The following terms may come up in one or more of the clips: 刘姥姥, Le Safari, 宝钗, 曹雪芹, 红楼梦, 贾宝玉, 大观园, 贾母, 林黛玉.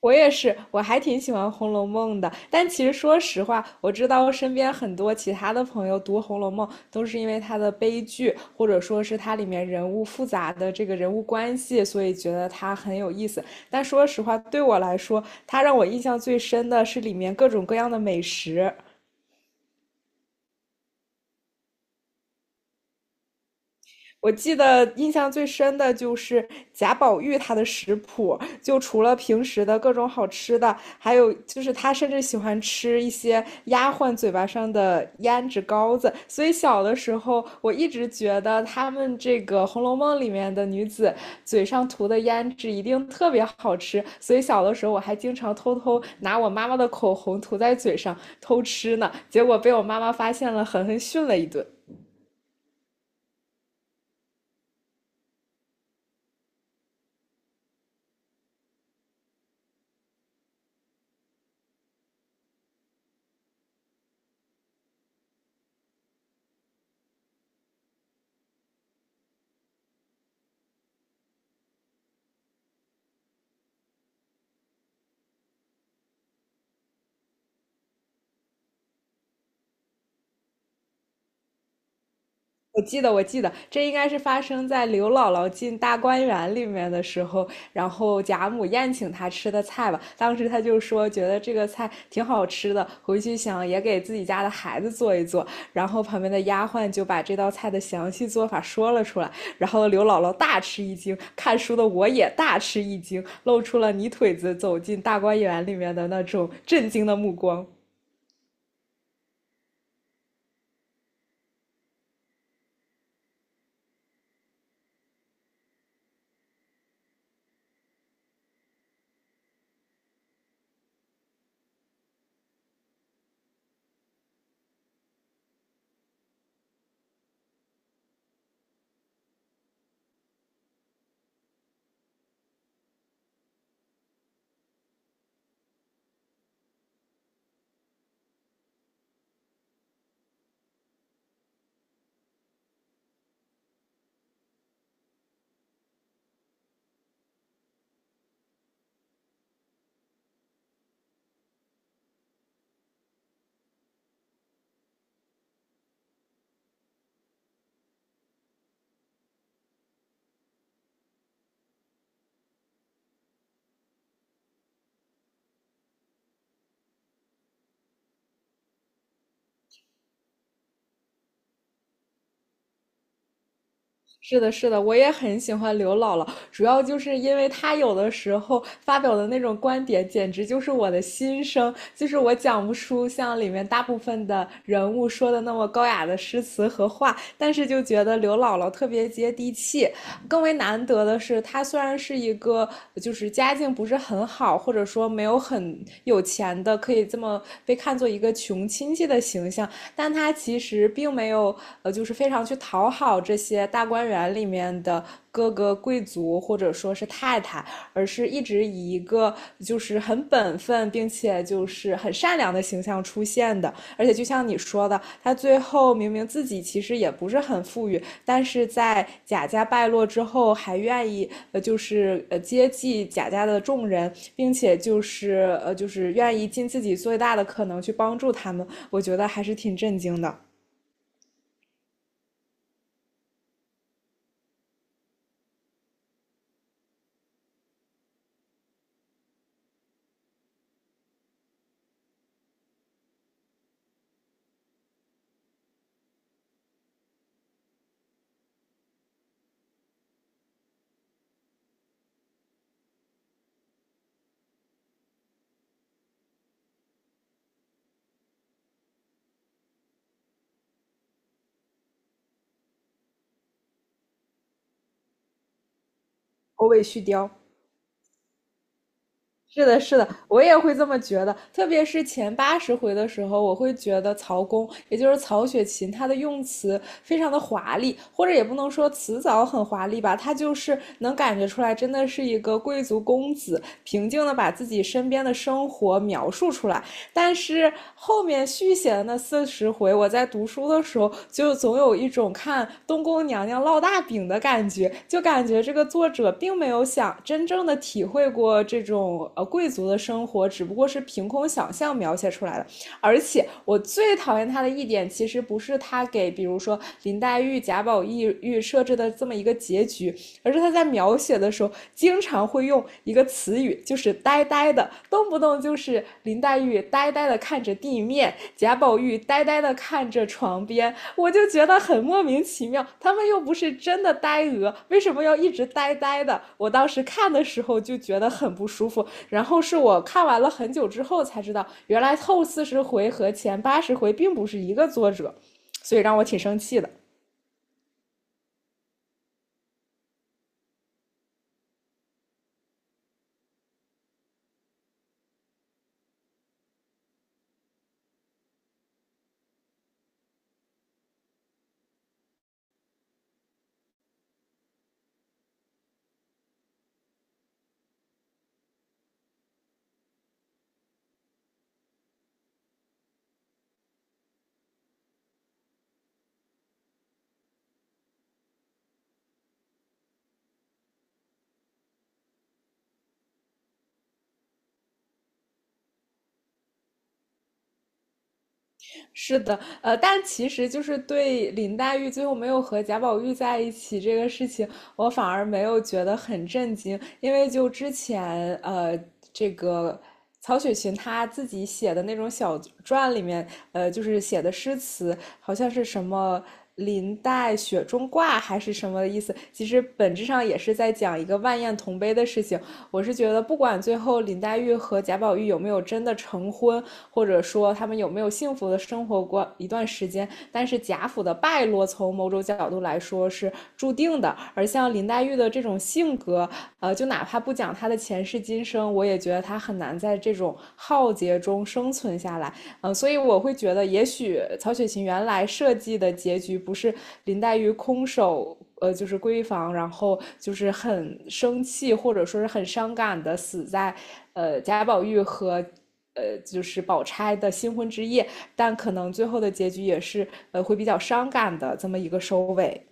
我也是，我还挺喜欢《红楼梦》的。但其实说实话，我知道身边很多其他的朋友读《红楼梦》都是因为它的悲剧，或者说是它里面人物复杂的这个人物关系，所以觉得它很有意思。但说实话，对我来说，它让我印象最深的是里面各种各样的美食。我记得印象最深的就是贾宝玉他的食谱，就除了平时的各种好吃的，还有就是他甚至喜欢吃一些丫鬟嘴巴上的胭脂膏子。所以小的时候，我一直觉得他们这个《红楼梦》里面的女子嘴上涂的胭脂一定特别好吃。所以小的时候，我还经常偷偷拿我妈妈的口红涂在嘴上偷吃呢，结果被我妈妈发现了，狠狠训了一顿。我记得，这应该是发生在刘姥姥进大观园里面的时候，然后贾母宴请她吃的菜吧。当时她就说，觉得这个菜挺好吃的，回去想也给自己家的孩子做一做。然后旁边的丫鬟就把这道菜的详细做法说了出来，然后刘姥姥大吃一惊，看书的我也大吃一惊，露出了泥腿子走进大观园里面的那种震惊的目光。是的，是的，我也很喜欢刘姥姥，主要就是因为她有的时候发表的那种观点，简直就是我的心声，就是我讲不出像里面大部分的人物说的那么高雅的诗词和话，但是就觉得刘姥姥特别接地气。更为难得的是，她虽然是一个就是家境不是很好，或者说没有很有钱的，可以这么被看作一个穷亲戚的形象，但他其实并没有就是非常去讨好这些大观园里面的各个贵族或者说是太太，而是一直以一个就是很本分并且就是很善良的形象出现的。而且就像你说的，他最后明明自己其实也不是很富裕，但是在贾家败落之后，还愿意就是接济贾家的众人，并且就是就是愿意尽自己最大的可能去帮助他们，我觉得还是挺震惊的。欧卫续貂，是的，是的，我也会这么觉得。特别是前八十回的时候，我会觉得曹公，也就是曹雪芹，他的用词非常的华丽，或者也不能说辞藻很华丽吧，他就是能感觉出来，真的是一个贵族公子，平静的把自己身边的生活描述出来。但是后面续写的那四十回，我在读书的时候，就总有一种看东宫娘娘烙大饼的感觉，就感觉这个作者并没有想真正的体会过这种贵族的生活，只不过是凭空想象描写出来的。而且我最讨厌他的一点，其实不是他给比如说林黛玉、贾宝玉设置的这么一个结局，而是他在描写的时候，经常会用一个词语，就是“呆呆的”，动不动就是林黛玉呆呆的看着地面，贾宝玉呆呆的看着床边，我就觉得很莫名其妙。他们又不是真的呆鹅，为什么要一直呆呆的？我当时看的时候就觉得很不舒服，然后是我看完了很久之后才知道，原来后四十回和前八十回并不是一个作者，所以让我挺生气的。是的，但其实就是对林黛玉最后没有和贾宝玉在一起这个事情，我反而没有觉得很震惊，因为就之前这个。曹雪芹他自己写的那种小传里面，就是写的诗词，好像是什么林黛雪中挂还是什么意思？其实本质上也是在讲一个万艳同悲的事情。我是觉得，不管最后林黛玉和贾宝玉有没有真的成婚，或者说他们有没有幸福的生活过一段时间，但是贾府的败落，从某种角度来说是注定的。而像林黛玉的这种性格。和就哪怕不讲他的前世今生，我也觉得他很难在这种浩劫中生存下来。所以我会觉得，也许曹雪芹原来设计的结局不是林黛玉空手。就是闺房，然后就是很生气，或者说是很伤感的死在，贾宝玉和，就是宝钗的新婚之夜，但可能最后的结局也是，会比较伤感的这么一个收尾。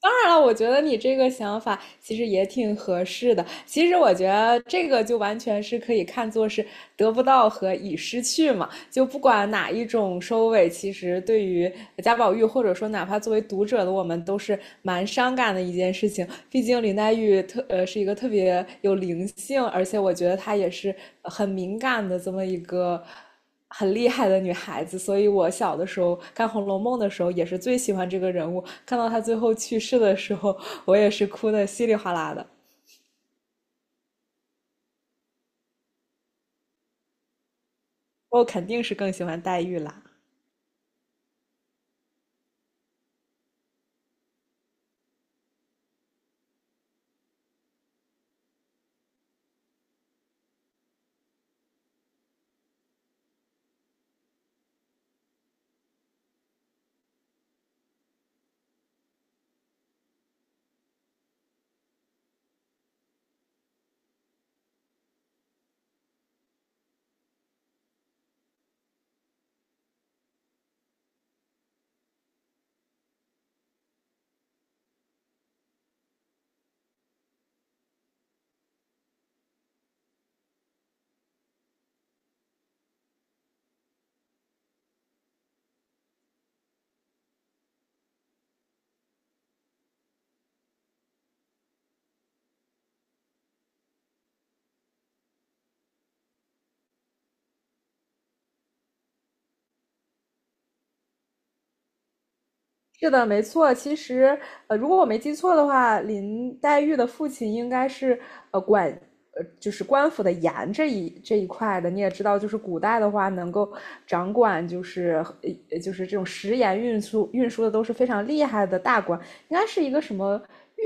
当然了，我觉得你这个想法其实也挺合适的。其实我觉得这个就完全是可以看作是得不到和已失去嘛。就不管哪一种收尾，其实对于贾宝玉，或者说哪怕作为读者的我们，都是蛮伤感的一件事情。毕竟林黛玉是一个特别有灵性，而且我觉得她也是很敏感的这么一个很厉害的女孩子。所以我小的时候看《红楼梦》的时候，也是最喜欢这个人物。看到她最后去世的时候，我也是哭的稀里哗啦的。我肯定是更喜欢黛玉啦。是的，没错。其实，如果我没记错的话，林黛玉的父亲应该是管就是官府的盐这一块的。你也知道，就是古代的话，能够掌管就是就是这种食盐运输的都是非常厉害的大官，应该是一个什么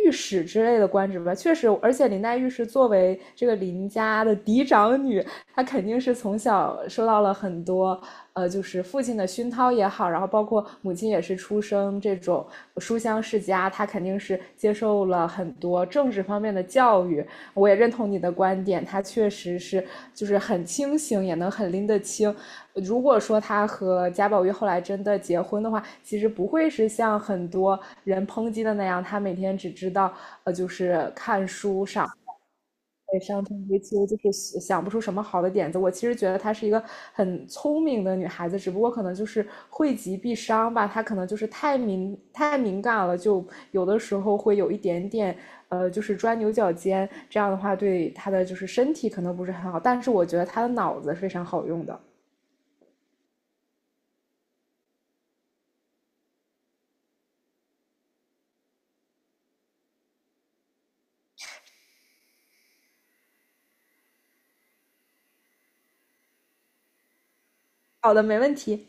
御史之类的官职吧。确实，而且林黛玉是作为这个林家的嫡长女，他肯定是从小受到了很多，就是父亲的熏陶也好，然后包括母亲也是出生这种书香世家，他肯定是接受了很多政治方面的教育。我也认同你的观点，他确实是就是很清醒，也能很拎得清。如果说他和贾宝玉后来真的结婚的话，其实不会是像很多人抨击的那样，他每天只知道就是看书、上。对，上天为秋就是想想不出什么好的点子。我其实觉得她是一个很聪明的女孩子，只不过可能就是惠及必伤吧。她可能就是太敏感了，就有的时候会有一点点，就是钻牛角尖。这样的话，对她的就是身体可能不是很好。但是我觉得她的脑子是非常好用的。好的，没问题。